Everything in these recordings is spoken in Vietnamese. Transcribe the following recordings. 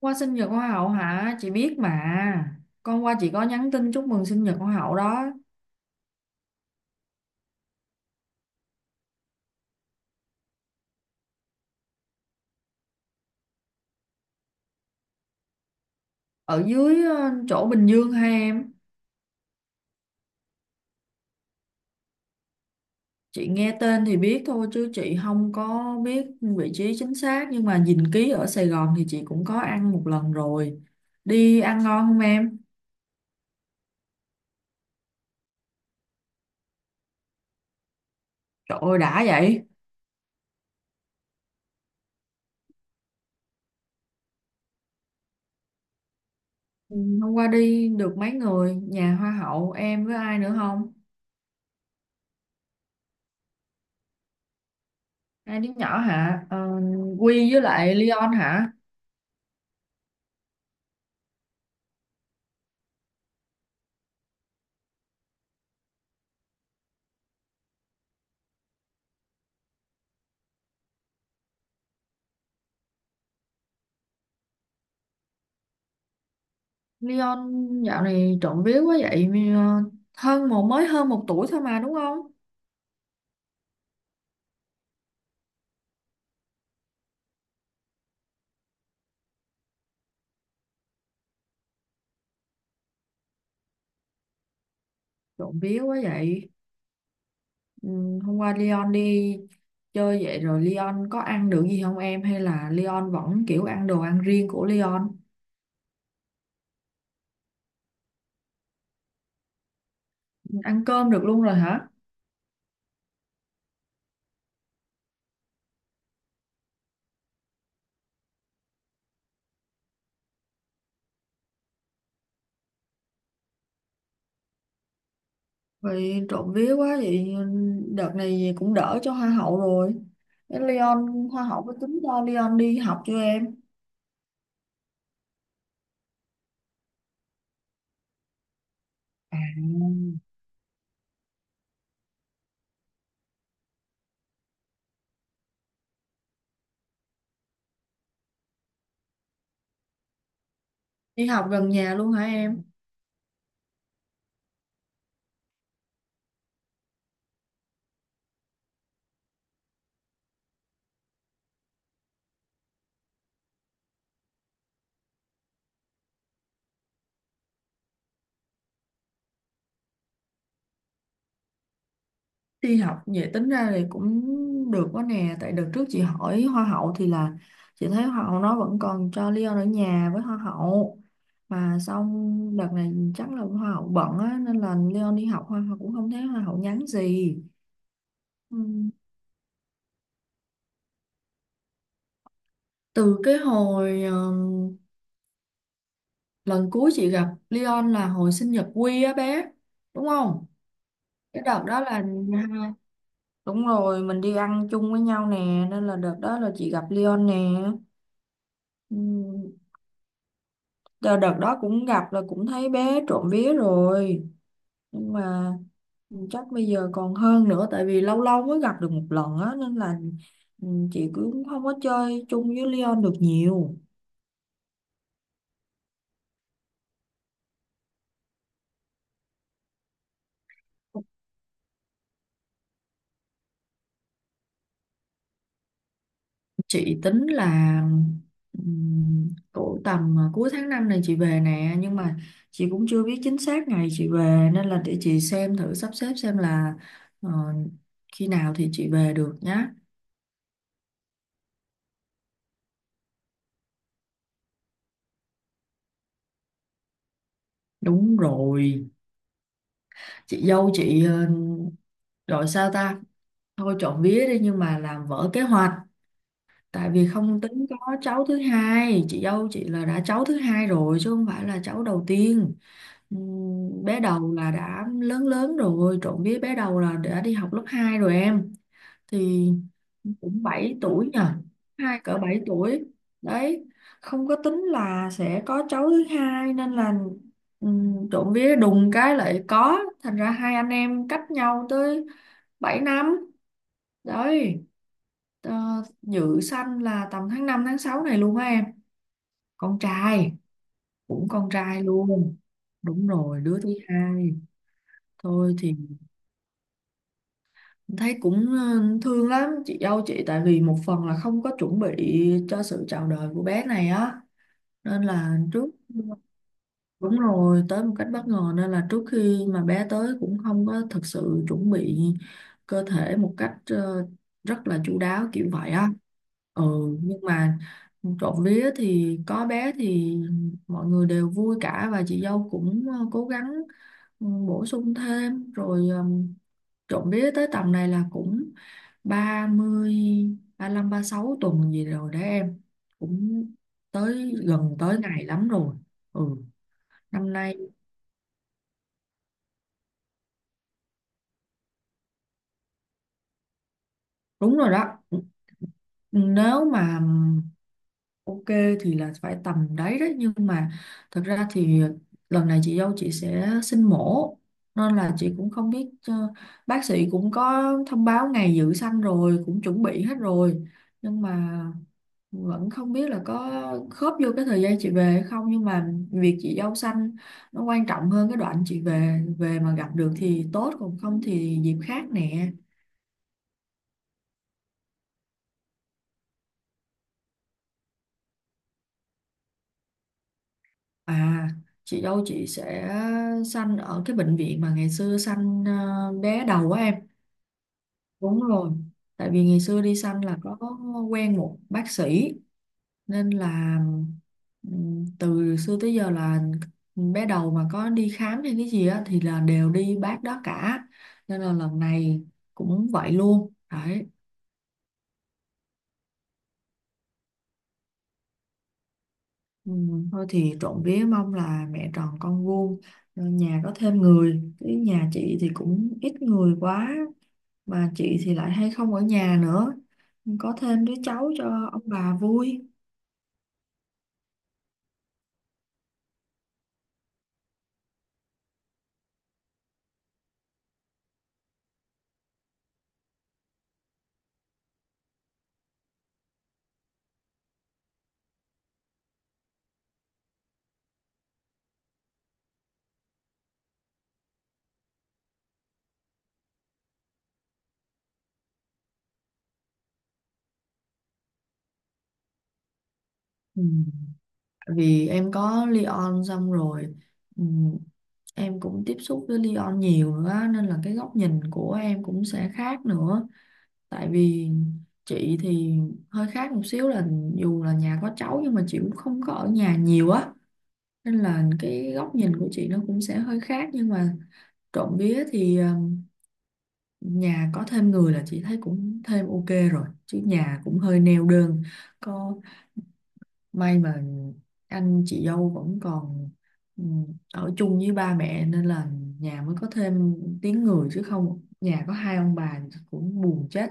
Qua sinh nhật hoa hậu hả? Chị biết mà. Con qua chị có nhắn tin chúc mừng sinh nhật hoa hậu đó. Ở dưới chỗ Bình Dương ha em. Chị nghe tên thì biết thôi chứ chị không có biết vị trí chính xác. Nhưng mà dình ký ở Sài Gòn thì chị cũng có ăn một lần rồi. Đi ăn ngon không em? Trời ơi đã vậy. Ừ. Hôm qua đi được mấy người? Nhà hoa hậu em với ai nữa không? Hai đứa nhỏ hả? Ờ, Quy với lại Leon hả? Leon dạo này trộm vía quá vậy, ờ, hơn một mới hơn 1 tuổi thôi mà đúng không? Trộm vía quá vậy. Ừ, hôm qua Leon đi chơi vậy rồi Leon có ăn được gì không em, hay là Leon vẫn kiểu ăn đồ ăn riêng của Leon? Ăn cơm được luôn rồi hả? Vậy trộm vía quá vậy, đợt này cũng đỡ cho hoa hậu rồi. Thế Leon hoa hậu có tính cho Leon đi học chưa em? À. Đi học gần nhà luôn hả em? Đi học vậy tính ra thì cũng được quá nè. Tại đợt trước chị hỏi Hoa hậu thì là chị thấy Hoa hậu nó vẫn còn cho Leon ở nhà với Hoa hậu. Mà xong đợt này chắc là Hoa hậu bận á, nên là Leon đi học Hoa hậu cũng không thấy Hoa hậu nhắn gì. Ừ. Từ cái hồi, lần cuối chị gặp Leon là hồi sinh nhật Quy á bé. Đúng không? Cái đợt đó là hai- đúng rồi, mình đi ăn chung với nhau nè, nên là đợt đó là chị gặp Leon nè. Ừ. Đợt đợt đó cũng gặp là cũng thấy bé trộm vía rồi, nhưng mà chắc bây giờ còn hơn nữa tại vì lâu lâu mới gặp được một lần á, nên là chị cũng không có chơi chung với Leon được nhiều. Chị tính là ừm, cỡ tầm cuối tháng 5 này chị về nè, nhưng mà chị cũng chưa biết chính xác ngày chị về nên là để chị xem thử sắp xếp xem là ờ, khi nào thì chị về được nhá. Đúng rồi, chị dâu chị gọi sao ta, thôi trộm vía đi nhưng mà làm vỡ kế hoạch. Tại vì không tính có cháu thứ hai, chị dâu chị là đã cháu thứ hai rồi chứ không phải là cháu đầu tiên. Bé đầu là đã lớn lớn rồi, trộm vía bé đầu là đã đi học lớp 2 rồi em. Thì cũng 7 tuổi nhờ, hai cỡ 7 tuổi đấy. Không có tính là sẽ có cháu thứ hai nên là trộm vía đùng cái lại có, thành ra hai anh em cách nhau tới 7 năm đấy. Ờ, Dự sanh là tầm tháng 5 tháng 6 này luôn á em. Con trai. Cũng con trai luôn, đúng rồi đứa thứ hai. Thôi thì thấy cũng thương lắm chị dâu chị, tại vì một phần là không có chuẩn bị cho sự chào đời của bé này á, nên là trước. Đúng rồi, tới một cách bất ngờ nên là trước khi mà bé tới cũng không có thực sự chuẩn bị cơ thể một cách rất là chu đáo kiểu vậy á. Ừ, nhưng mà trộm vía thì có bé thì mọi người đều vui cả, và chị dâu cũng cố gắng, bổ sung thêm rồi, trộm vía tới tầm này là cũng 30, 36 tuần gì rồi đấy em. Cũng tới gần tới ngày lắm rồi. Ừ, năm nay đúng rồi đó, nếu mà ok thì là phải tầm đấy đấy, nhưng mà thật ra thì lần này chị dâu chị sẽ sinh mổ, nên là chị cũng không biết, bác sĩ cũng có thông báo ngày dự sanh rồi, cũng chuẩn bị hết rồi, nhưng mà vẫn không biết là có khớp vô cái thời gian chị về hay không. Nhưng mà việc chị dâu sanh nó quan trọng hơn, cái đoạn chị về về mà gặp được thì tốt, còn không thì dịp khác nè. À, chị dâu chị sẽ sanh ở cái bệnh viện mà ngày xưa sanh bé đầu của em. Đúng rồi. Tại vì ngày xưa đi sanh là có quen một bác sĩ, nên là từ xưa tới giờ là bé đầu mà có đi khám hay cái gì á thì là đều đi bác đó cả. Nên là lần này cũng vậy luôn. Đấy. Thôi thì trộm vía mong là mẹ tròn con vuông, nhà có thêm người, cái nhà chị thì cũng ít người quá. Bà chị thì lại hay không ở nhà nữa. Có thêm đứa cháu cho ông bà vui. Ừ. Tại vì em có Leon xong rồi, ừ, em cũng tiếp xúc với Leon nhiều nữa á, nên là cái góc nhìn của em cũng sẽ khác nữa. Tại vì chị thì hơi khác một xíu là dù là nhà có cháu nhưng mà chị cũng không có ở nhà nhiều á. Nên là cái góc nhìn của chị nó cũng sẽ hơi khác, nhưng mà trộm vía thì nhà có thêm người là chị thấy cũng thêm ok rồi, chứ nhà cũng hơi neo đơn. Có may mà anh chị dâu vẫn còn ừ, ở chung với ba mẹ nên là nhà mới có thêm tiếng người, chứ không nhà có hai ông bà cũng buồn chết.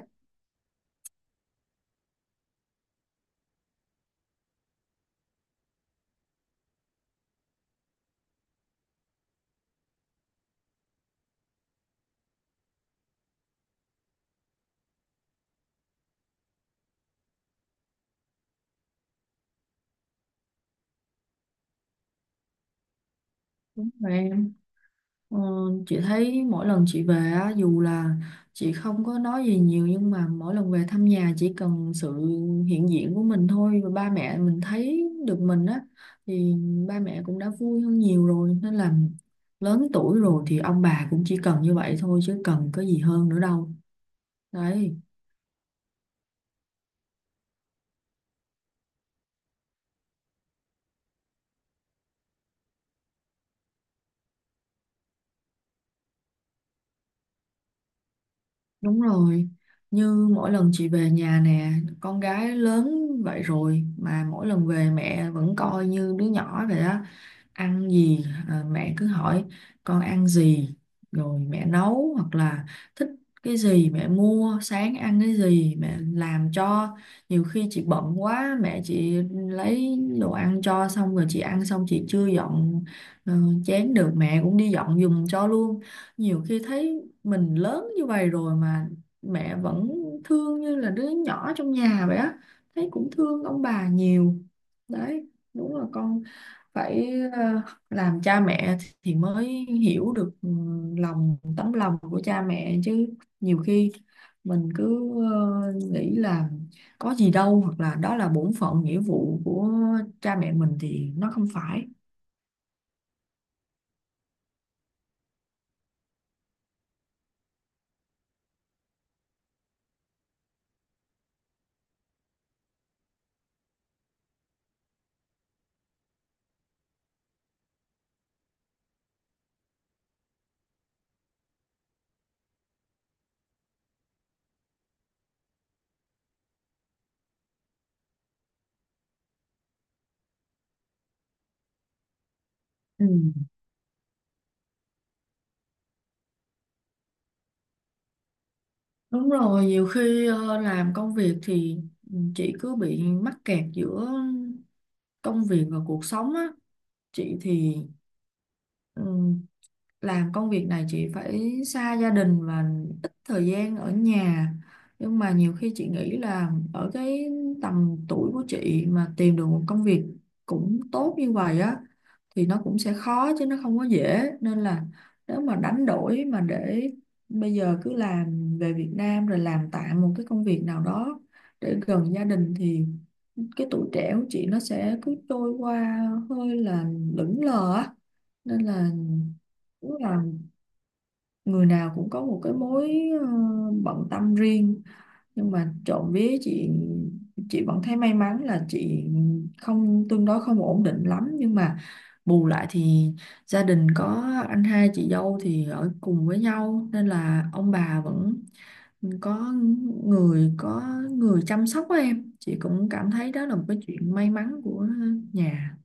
Ờ, chị thấy mỗi lần chị về á, dù là chị không có nói gì nhiều, nhưng mà mỗi lần về thăm nhà chỉ cần sự hiện diện của mình thôi và ba mẹ mình thấy được mình á, thì ba mẹ cũng đã vui hơn nhiều rồi. Nên là lớn tuổi rồi thì ông bà cũng chỉ cần như vậy thôi, chứ cần có gì hơn nữa đâu. Đấy, đúng rồi. Như mỗi lần chị về nhà nè, con gái lớn vậy rồi mà mỗi lần về mẹ vẫn coi như đứa nhỏ vậy á. Ăn gì à, mẹ cứ hỏi con ăn gì rồi mẹ nấu, hoặc là thích cái gì mẹ mua, sáng ăn cái gì mẹ làm cho. Nhiều khi chị bận quá mẹ chị lấy đồ ăn cho, xong rồi chị ăn xong chị chưa dọn ờ, chén được, mẹ cũng đi dọn giùm cho luôn. Nhiều khi thấy mình lớn như vậy rồi mà mẹ vẫn thương như là đứa nhỏ trong nhà vậy á, thấy cũng thương ông bà nhiều. Đấy. Đúng là con phải làm cha mẹ thì mới hiểu được tấm lòng của cha mẹ chứ. Nhiều khi mình cứ nghĩ là có gì đâu, hoặc là đó là bổn phận nghĩa vụ của cha mẹ mình thì nó không phải. Ừ. Đúng rồi, nhiều khi làm công việc thì chị cứ bị mắc kẹt giữa công việc và cuộc sống á. Chị thì ừ, làm công việc này chị phải xa gia đình và ít thời gian ở nhà, nhưng mà nhiều khi chị nghĩ là ở cái tầm tuổi của chị mà tìm được một công việc cũng tốt như vậy á thì nó cũng sẽ khó chứ nó không có dễ. Nên là nếu mà đánh đổi mà để bây giờ cứ làm về Việt Nam rồi làm tạm một cái công việc nào đó để gần gia đình, thì cái tuổi trẻ của chị nó sẽ cứ trôi qua hơi là lững lờ á, nên là. Đúng là người nào cũng có một cái mối ờ, bận tâm riêng, nhưng mà trộm vía chị vẫn thấy may mắn là chị không tương đối không ổn định lắm, nhưng mà bù lại thì gia đình có anh hai chị dâu thì ở cùng với nhau nên là ông bà vẫn có có người chăm sóc á em. Chị cũng cảm thấy đó là một cái chuyện may mắn của nhà.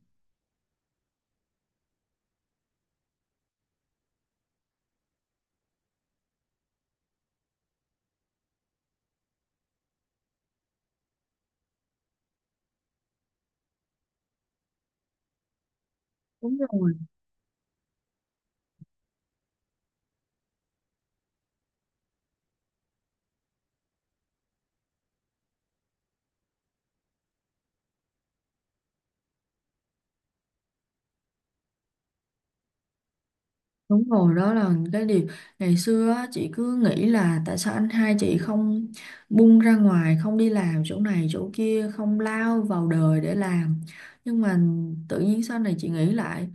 Đúng rồi. Đúng rồi, đó là cái điều ngày xưa á, chị cứ nghĩ là tại sao anh hai chị không bung ra ngoài, không đi làm chỗ này chỗ kia, không lao vào đời để làm. Nhưng mà tự nhiên sau này chị nghĩ lại,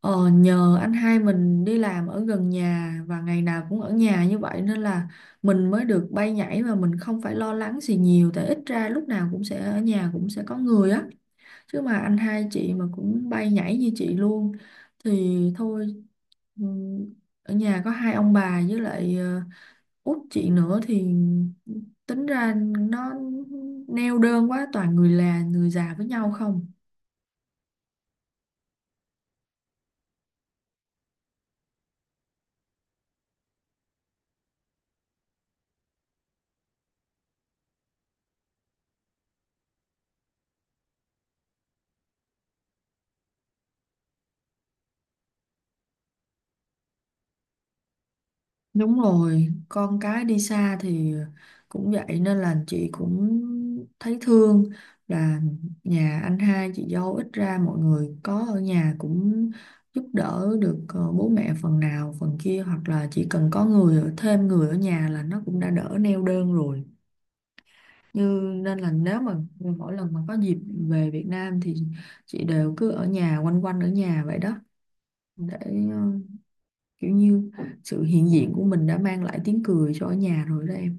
nhờ anh hai mình đi làm ở gần nhà và ngày nào cũng ở nhà như vậy, nên là mình mới được bay nhảy mà mình không phải lo lắng gì nhiều, tại ít ra lúc nào cũng sẽ ở nhà, cũng sẽ có người á. Chứ mà anh hai chị mà cũng bay nhảy như chị luôn thì thôi, ừ, ở nhà có hai ông bà với lại út chị nữa thì tính ra nó neo đơn quá, toàn người là người già với nhau không. Đúng rồi, con cái đi xa thì cũng vậy, nên là chị cũng thấy thương là nhà anh hai chị dâu ít ra mọi người có ở nhà cũng giúp đỡ được bố mẹ phần nào phần kia, hoặc là chỉ cần có người ở, thêm người ở nhà là nó cũng đã đỡ neo đơn rồi. Như nên là nếu mà mỗi lần mà có dịp về Việt Nam thì chị đều cứ ở nhà, quanh quanh ở nhà vậy đó, để ờ, kiểu như sự hiện diện của mình đã mang lại tiếng cười cho ở nhà rồi đó em.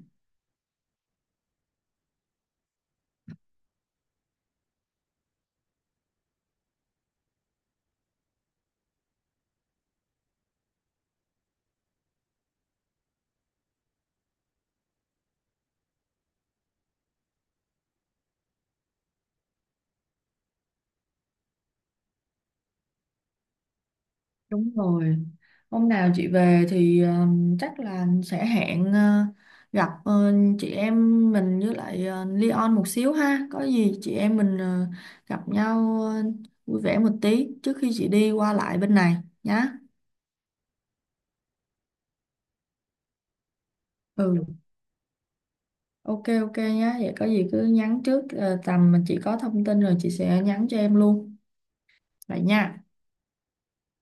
Đúng rồi. Hôm nào chị về thì chắc là sẽ hẹn gặp chị em mình với lại Leon một xíu ha. Có gì chị em mình gặp nhau vui vẻ một tí trước khi chị đi qua lại bên này nhá. Ừ. Ok ok nhá. Vậy có gì cứ nhắn trước, tầm mà chị có thông tin rồi chị sẽ nhắn cho em luôn. Vậy nha.